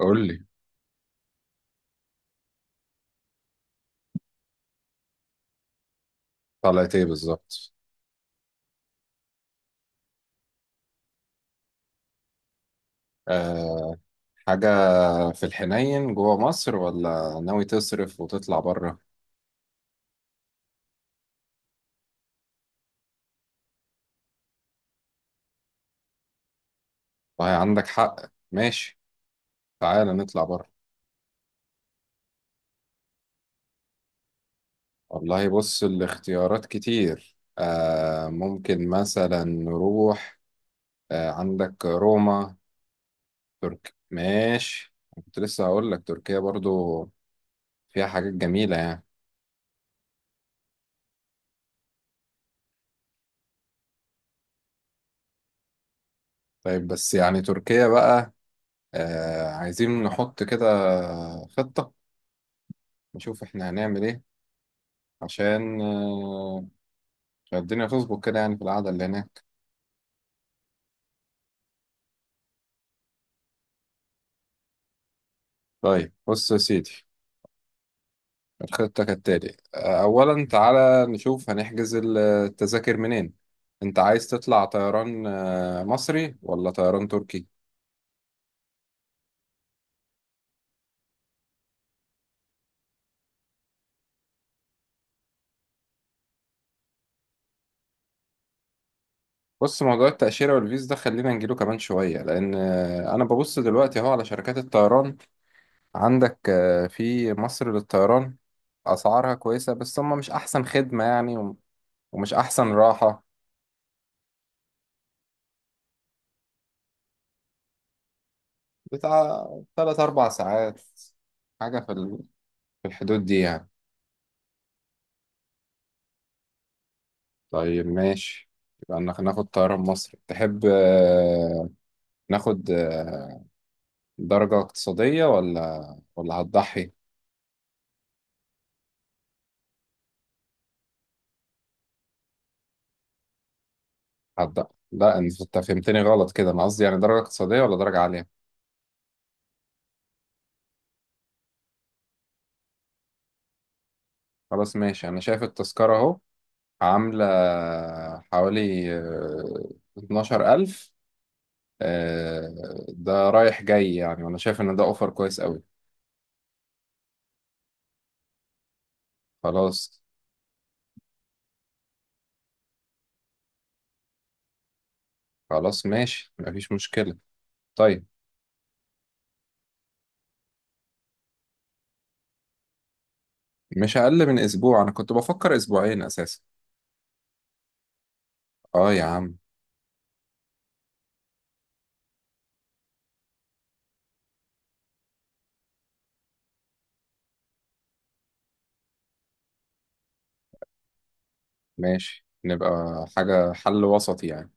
قول لي. طلعت ايه بالظبط؟ أه. حاجة، في الحنين جوه مصر ولا ناوي تصرف وتطلع بره؟ والله عندك حق. ماشي، تعالى نطلع بره. والله بص، الاختيارات كتير. ممكن مثلا نروح. عندك روما. تركيا ماشي، كنت لسه هقول لك تركيا برضو. فيها حاجات جميلة يعني. طيب، بس يعني تركيا بقى. عايزين نحط كده خطة، نشوف احنا هنعمل ايه عشان الدنيا تظبط كده يعني في القعدة اللي هناك. طيب بص يا سيدي، الخطة كالتالي، أولا تعالى نشوف هنحجز التذاكر منين. أنت عايز تطلع طيران مصري ولا طيران تركي؟ بص، موضوع التأشيرة والفيز ده خلينا نجيله كمان شوية لأن أنا ببص دلوقتي أهو على شركات الطيران. عندك في مصر للطيران أسعارها كويسة، بس هما مش أحسن خدمة يعني، ومش أحسن راحة. بتاع تلات أربع ساعات. حاجة في الحدود دي يعني. طيب ماشي، يبقى ناخد طيران مصر. تحب ناخد درجة اقتصادية ولا هتضحي؟ هتضحي؟ لا، انت فهمتني غلط كده، انا قصدي يعني درجة اقتصادية ولا درجة عالية. خلاص ماشي، انا شايف التذكرة اهو، عاملة حوالي اتناشر ألف. ده رايح جاي يعني، وانا شايف ان ده اوفر كويس قوي. خلاص. خلاص ماشي، مفيش مشكلة. طيب. مش أقل من أسبوع، أنا كنت بفكر أسبوعين أساسا. آه يا عم. ماشي، نبقى حاجة حل وسط يعني.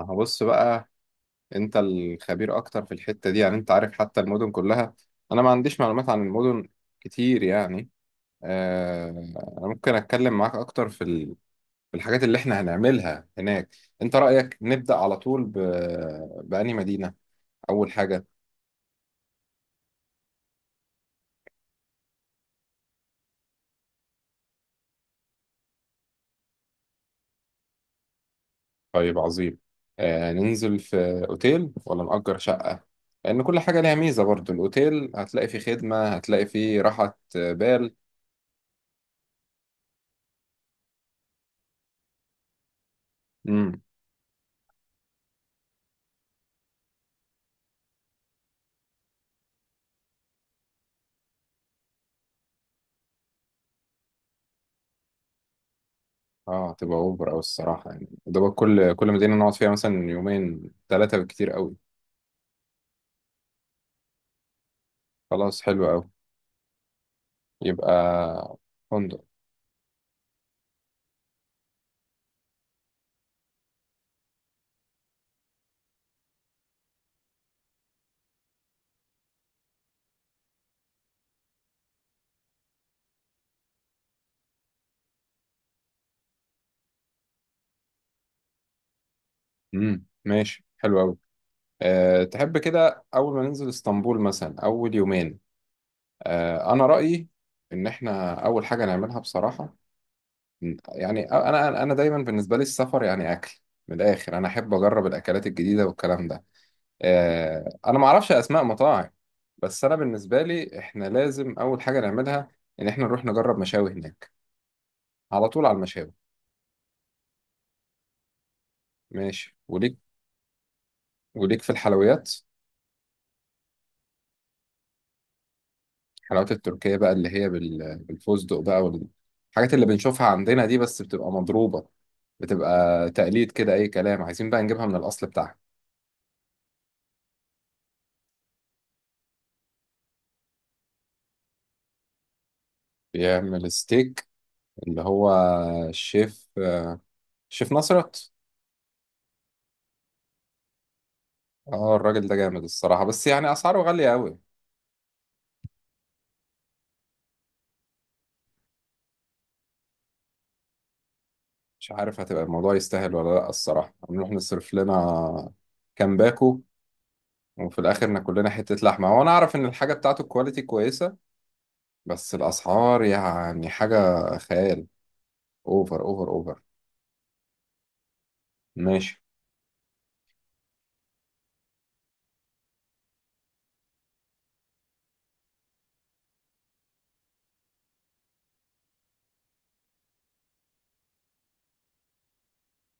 هبص بقى. أنت الخبير أكتر في الحتة دي يعني، أنت عارف حتى المدن كلها. أنا ما عنديش معلومات عن المدن كتير يعني. آه، أنا ممكن أتكلم معاك أكتر في الحاجات اللي إحنا هنعملها هناك. أنت رأيك نبدأ على طول بأنهي مدينة أول حاجة. طيب عظيم. آه، ننزل في اوتيل ولا نأجر شقة؟ لأن كل حاجة ليها ميزة برضو. الأوتيل هتلاقي فيه خدمة، هتلاقي فيه راحة. آه، بال امم اه، تبقى اوبر او الصراحة يعني. ده بقى كل مدينة نقعد فيها مثلا يومين ثلاثة بالكتير قوي. خلاص حلو قوي. يبقى فندق. ماشي حلو قوي. أه تحب كده أول ما ننزل اسطنبول مثلا أول يومين؟ أه أنا رأيي إن إحنا أول حاجة نعملها بصراحة، يعني انا دايما بالنسبه لي السفر يعني اكل. من الاخر، انا احب اجرب الاكلات الجديده والكلام ده. انا ما اعرفش اسماء مطاعم، بس انا بالنسبه لي احنا لازم اول حاجه نعملها ان احنا نروح نجرب مشاوي هناك، على طول على المشاوي. ماشي وليك. وليك في الحلويات. الحلويات التركيه بقى اللي هي بالفستق بقى، والحاجات اللي بنشوفها عندنا دي بس بتبقى مضروبه، بتبقى تقليد كده اي كلام. عايزين بقى نجيبها من الاصل بتاعها. بيعمل ستيك اللي هو الشيف الشيف نصرت. اه، الراجل ده جامد الصراحة، بس يعني أسعاره غالية أوي. مش عارف هتبقى الموضوع يستاهل ولا لأ. الصراحة هنروح نصرف لنا كام باكو، وفي الآخر ناكل لنا حتة لحمة. هو أنا أعرف إن الحاجة بتاعته الكواليتي كويسة، بس الأسعار يعني حاجة خيال. أوفر أوفر أوفر. ماشي.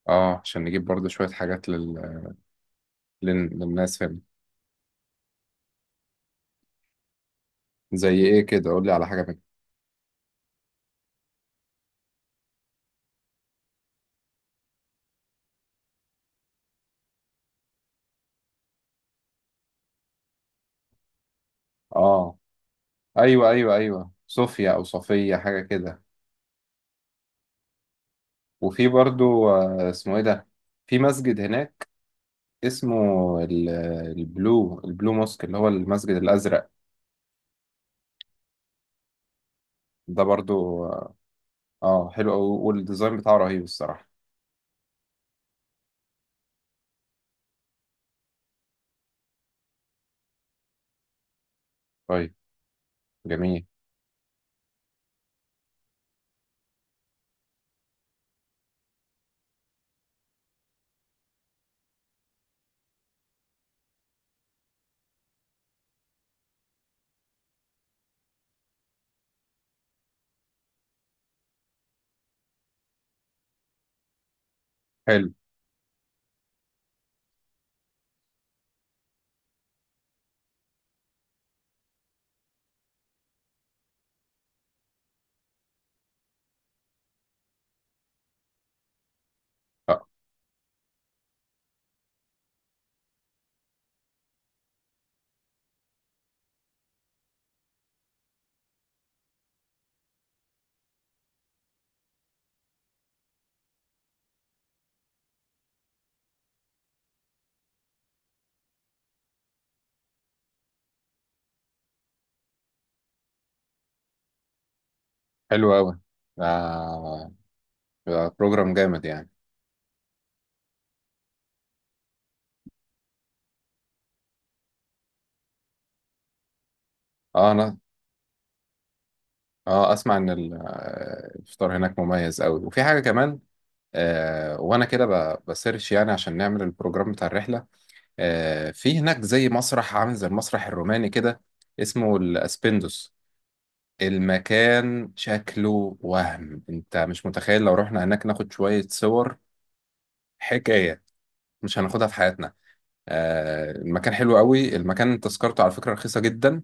اه، عشان نجيب برضه شوية حاجات للناس هنا. زي إيه كده؟ قول لي على حاجة منها. اه، أيوه أيوه أيوه، صوفيا أو صفية حاجة كده. وفي برضو اسمه ايه ده، في مسجد هناك اسمه ال- البلو موسك اللي هو المسجد الازرق. ده برضو اه. حلو أوي، والديزاين بتاعه رهيب الصراحه. طيب، جميل. حلو. آه، حلو قوي. آه، ده بروجرام جامد يعني. اه انا. اه اسمع ان الفطار هناك مميز قوي، وفي حاجه كمان. وانا كده بسيرش يعني عشان نعمل البروجرام بتاع الرحله. في هناك زي مسرح عامل زي المسرح الروماني كده، اسمه الاسبندوس. المكان شكله وهم، انت مش متخيل. لو رحنا هناك ناخد شوية صور حكاية، مش هناخدها في حياتنا. المكان حلو قوي. المكان تذكرته على فكرة رخيصة جدا،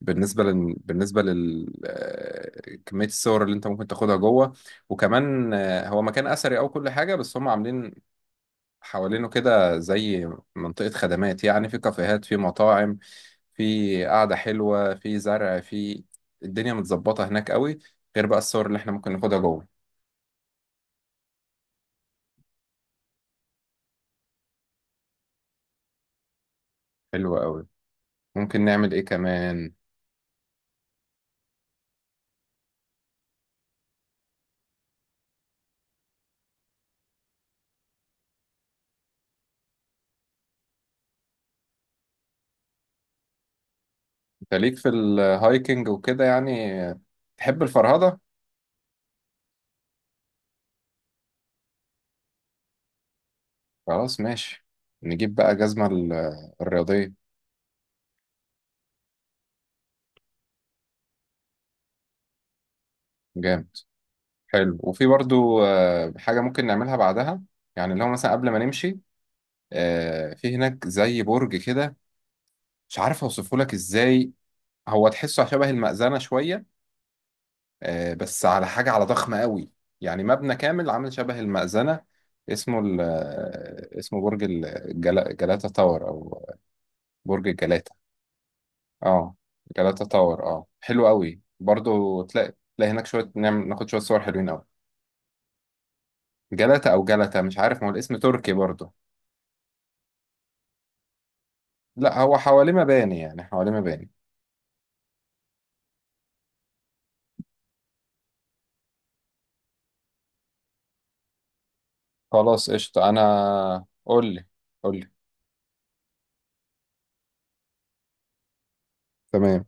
بالنسبة لل كمية الصور اللي انت ممكن تاخدها جوه. وكمان هو مكان أثري أو كل حاجة، بس هم عاملين حوالينه كده زي منطقة خدمات، يعني في كافيهات، في مطاعم، في قعدة حلوة، في زرع، في الدنيا متظبطة هناك قوي. غير بقى الصور اللي احنا ممكن ناخدها جوه. حلوة قوي. ممكن نعمل ايه كمان؟ انت ليك في الهايكنج وكده يعني؟ تحب الفرهدة؟ خلاص ماشي. نجيب بقى جزمة الرياضية. جامد. حلو. وفي برضو حاجة ممكن نعملها بعدها، يعني اللي هو مثلا قبل ما نمشي، في هناك زي برج كده، مش عارف اوصفه لك ازاي. هو تحسه شبه المأذنة شوية، بس على حاجة على ضخمة قوي. يعني مبنى كامل عامل شبه المأذنة. اسمه ال آه، اسمه برج جلاتا تاور او برج الجلاتا. اه، جلاتا تاور. اه حلو قوي برضو، تلاقي هناك شوية، نعمل ناخد شوية صور حلوين قوي. جلاتا او جلاتا مش عارف، ما هو الاسم تركي برضو. لا، هو حواليه مباني، يعني حواليه مباني. خلاص قشطة. انا قول لي. قول لي. تمام.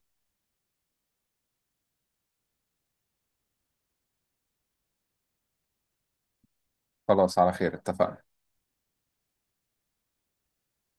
خلاص، على خير اتفقنا.